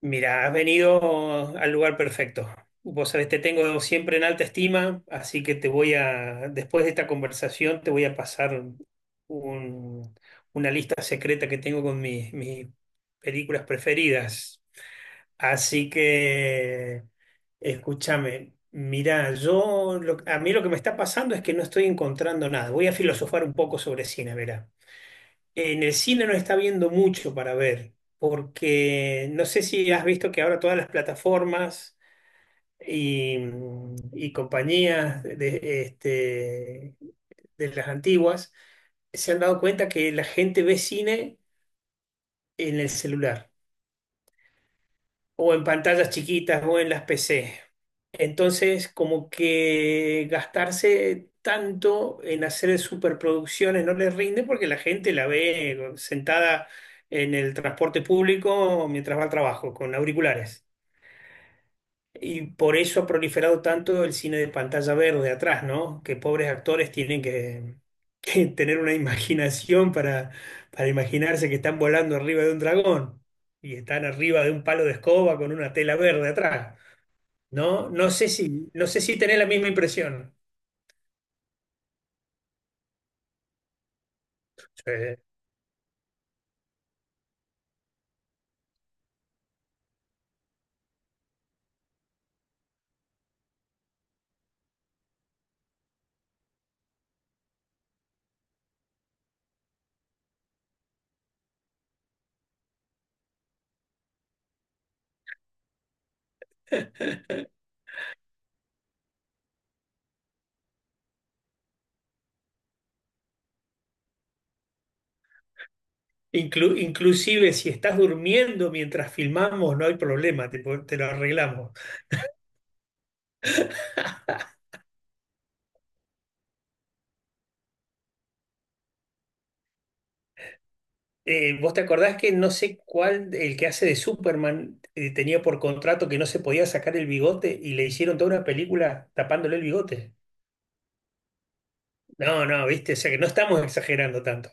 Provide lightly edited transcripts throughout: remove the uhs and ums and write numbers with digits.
Mira, has venido al lugar perfecto. Vos sabés, te tengo siempre en alta estima, así que te voy a, después de esta conversación, te voy a pasar un- una lista secreta que tengo con mis películas preferidas. Así que, escúchame, mira, yo, a mí lo que me está pasando es que no estoy encontrando nada. Voy a filosofar un poco sobre cine, verá. En el cine no está viendo mucho para ver, porque no sé si has visto que ahora todas las plataformas y, y compañías de, de las antiguas se han dado cuenta que la gente ve cine en el celular, o en pantallas chiquitas o en las PC. Entonces, como que gastarse tanto en hacer superproducciones no les rinde porque la gente la ve sentada en el transporte público mientras va al trabajo con auriculares. Y por eso ha proliferado tanto el cine de pantalla verde atrás, ¿no? Que pobres actores tienen que, que tener una imaginación para imaginarse que están volando arriba de un dragón y están arriba de un palo de escoba con una tela verde atrás. No, no sé si tenés la misma impresión. Sí. Inclusive si estás durmiendo mientras filmamos, no hay problema, te lo arreglamos. ¿Vos te acordás que no sé cuál, el que hace de Superman, tenía por contrato que no se podía sacar el bigote y le hicieron toda una película tapándole el bigote? No, no, viste, o sea que no estamos exagerando tanto.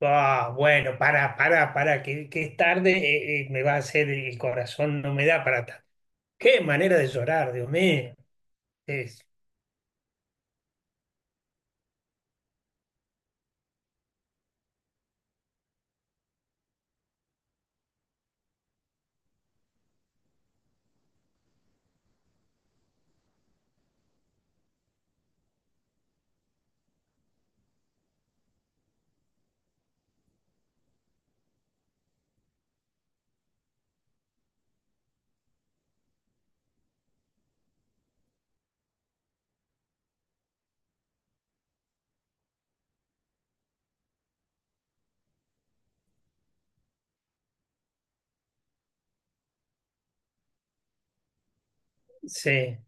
Ah, bueno, para, que es tarde, me va a hacer el corazón, no me da para tanto. Qué manera de llorar, Dios mío. Es- sí.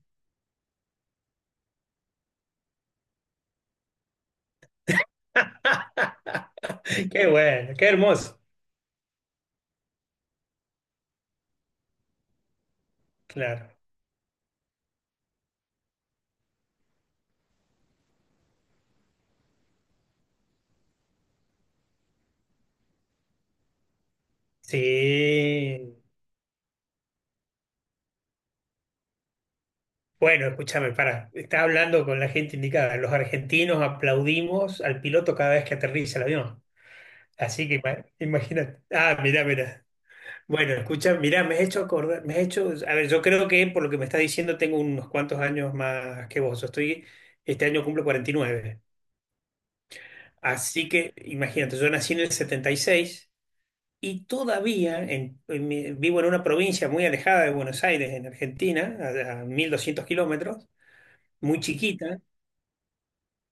Qué bueno, qué hermoso. Claro. Sí, bueno, escúchame, para, está hablando con la gente indicada. Los argentinos aplaudimos al piloto cada vez que aterriza el avión. Así que imagínate. Ah, mirá, mirá. Bueno, escucha, mirá, me has hecho acordar, me has hecho, a ver, yo creo que por lo que me estás diciendo tengo unos cuantos años más que vos. Yo estoy, este año cumplo 49. Así que imagínate, yo nací en el 76 y todavía vivo en una provincia muy alejada de Buenos Aires, en Argentina, a 1200 kilómetros, muy chiquita.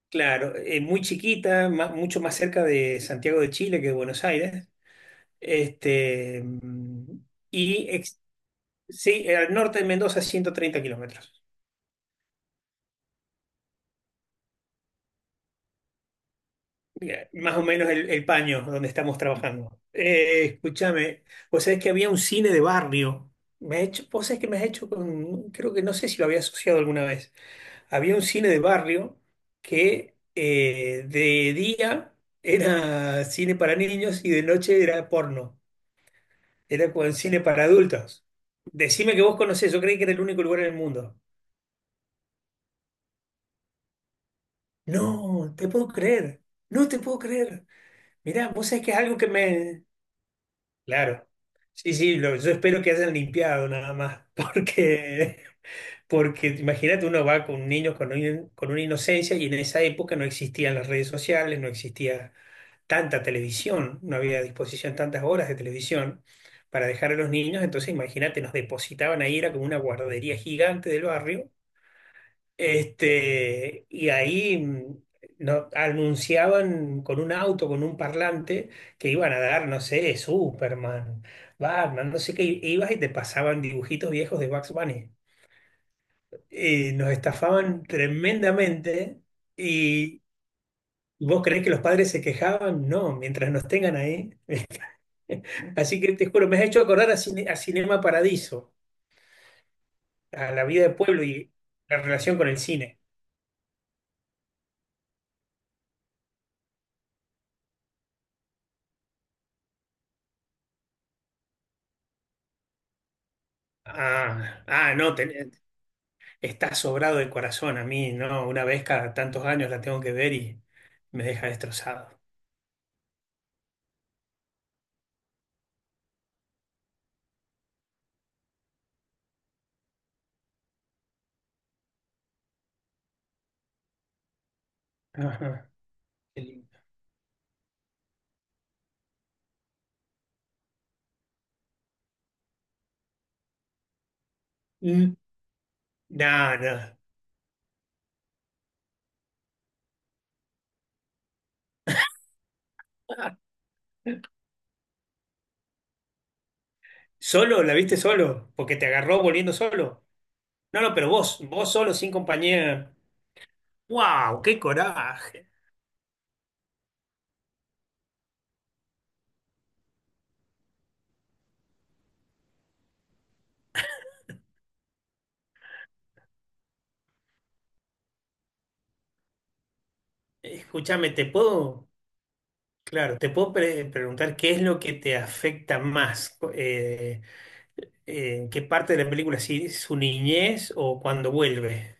Claro, muy chiquita, mucho más cerca de Santiago de Chile que de Buenos Aires. Este, mm, y ex- sí, al norte de Mendoza, 130 kilómetros. Mira, más o menos el paño donde estamos trabajando. Escúchame, vos sabés que había un cine de barrio. Me ha hecho, vos sabés que me has hecho con, creo que no sé si lo había asociado alguna vez. Había un cine de barrio que de día era cine para niños y de noche era porno. Era con cine para adultos. Decime que vos conocés, yo creí que era el único lugar en el mundo. No, te puedo creer. No te puedo creer. Mirá, vos sabés que es algo que me... Claro. Sí, sí, yo espero que hayan limpiado nada más. Porque, porque imagínate, uno va con niños con, con una inocencia y en esa época no existían las redes sociales, no existía tanta televisión, no había a disposición tantas horas de televisión para dejar a los niños. Entonces, imagínate, nos depositaban ahí, era como una guardería gigante del barrio. Este, y ahí no, anunciaban con un auto, con un parlante, que iban a dar, no sé, Superman, Batman, no sé qué, y ibas y te pasaban dibujitos viejos de Bugs Bunny. Y nos estafaban tremendamente y ¿vos creés que los padres se quejaban? No, mientras nos tengan ahí. Así que te juro, me has hecho acordar a, a Cinema Paradiso, a la vida de pueblo y la relación con el cine. Ah, ah, no, está sobrado de corazón a mí, ¿no? Una vez cada tantos años la tengo que ver y me deja destrozado. Ajá. Qué lindo. Mm, no, no. Ah, ¿solo? ¿La viste solo? ¿Porque te agarró volviendo solo? No, no, pero vos, vos solo, sin compañía. ¡Wow! ¡Qué coraje! Escúchame, ¿te puedo, claro, te puedo preguntar qué es lo que te afecta más? ¿Qué parte de la película? ¿Si su niñez o cuando vuelve?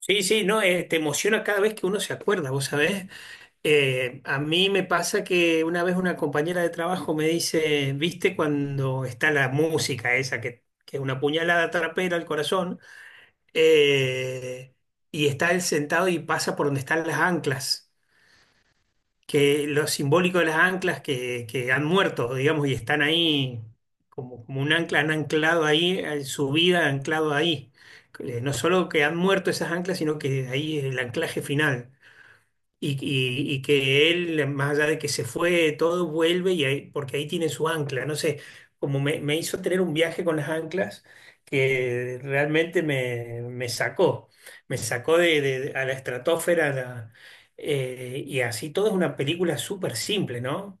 Sí, sí, no, te emociona cada vez que uno se acuerda, ¿vos sabés? A mí me pasa que una vez una compañera de trabajo me dice, ¿viste cuando está la música esa que es una puñalada trapera al corazón? Eh, y está él sentado y pasa por donde están las anclas, que lo simbólico de las anclas que han muerto, digamos, y están ahí como, como un ancla, han anclado ahí, su vida han anclado ahí. No solo que han muerto esas anclas, sino que ahí es el anclaje final. Y que él, más allá de que se fue, todo vuelve y porque ahí tiene su ancla. No sé, como me hizo tener un viaje con las anclas que realmente me, me sacó a la estratosfera. Y así todo es una película súper simple, ¿no?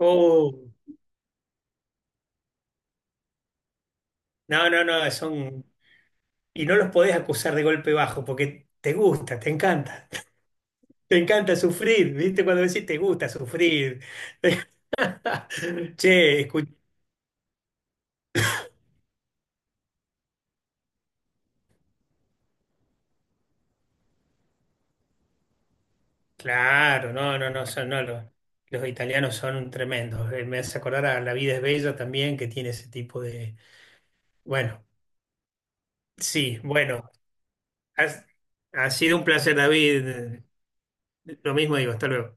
Oh, no, no, no, son... Y no los podés acusar de golpe bajo porque te gusta, te encanta. Te encanta sufrir, ¿viste? Cuando decís te gusta sufrir. Che, escuchá. Claro, no, no, no, son, no, los italianos son tremendos. Me hace acordar a La vida es bella también, que tiene ese tipo de... Bueno, sí, bueno, has- ha sido un placer, David. Lo mismo digo, hasta luego.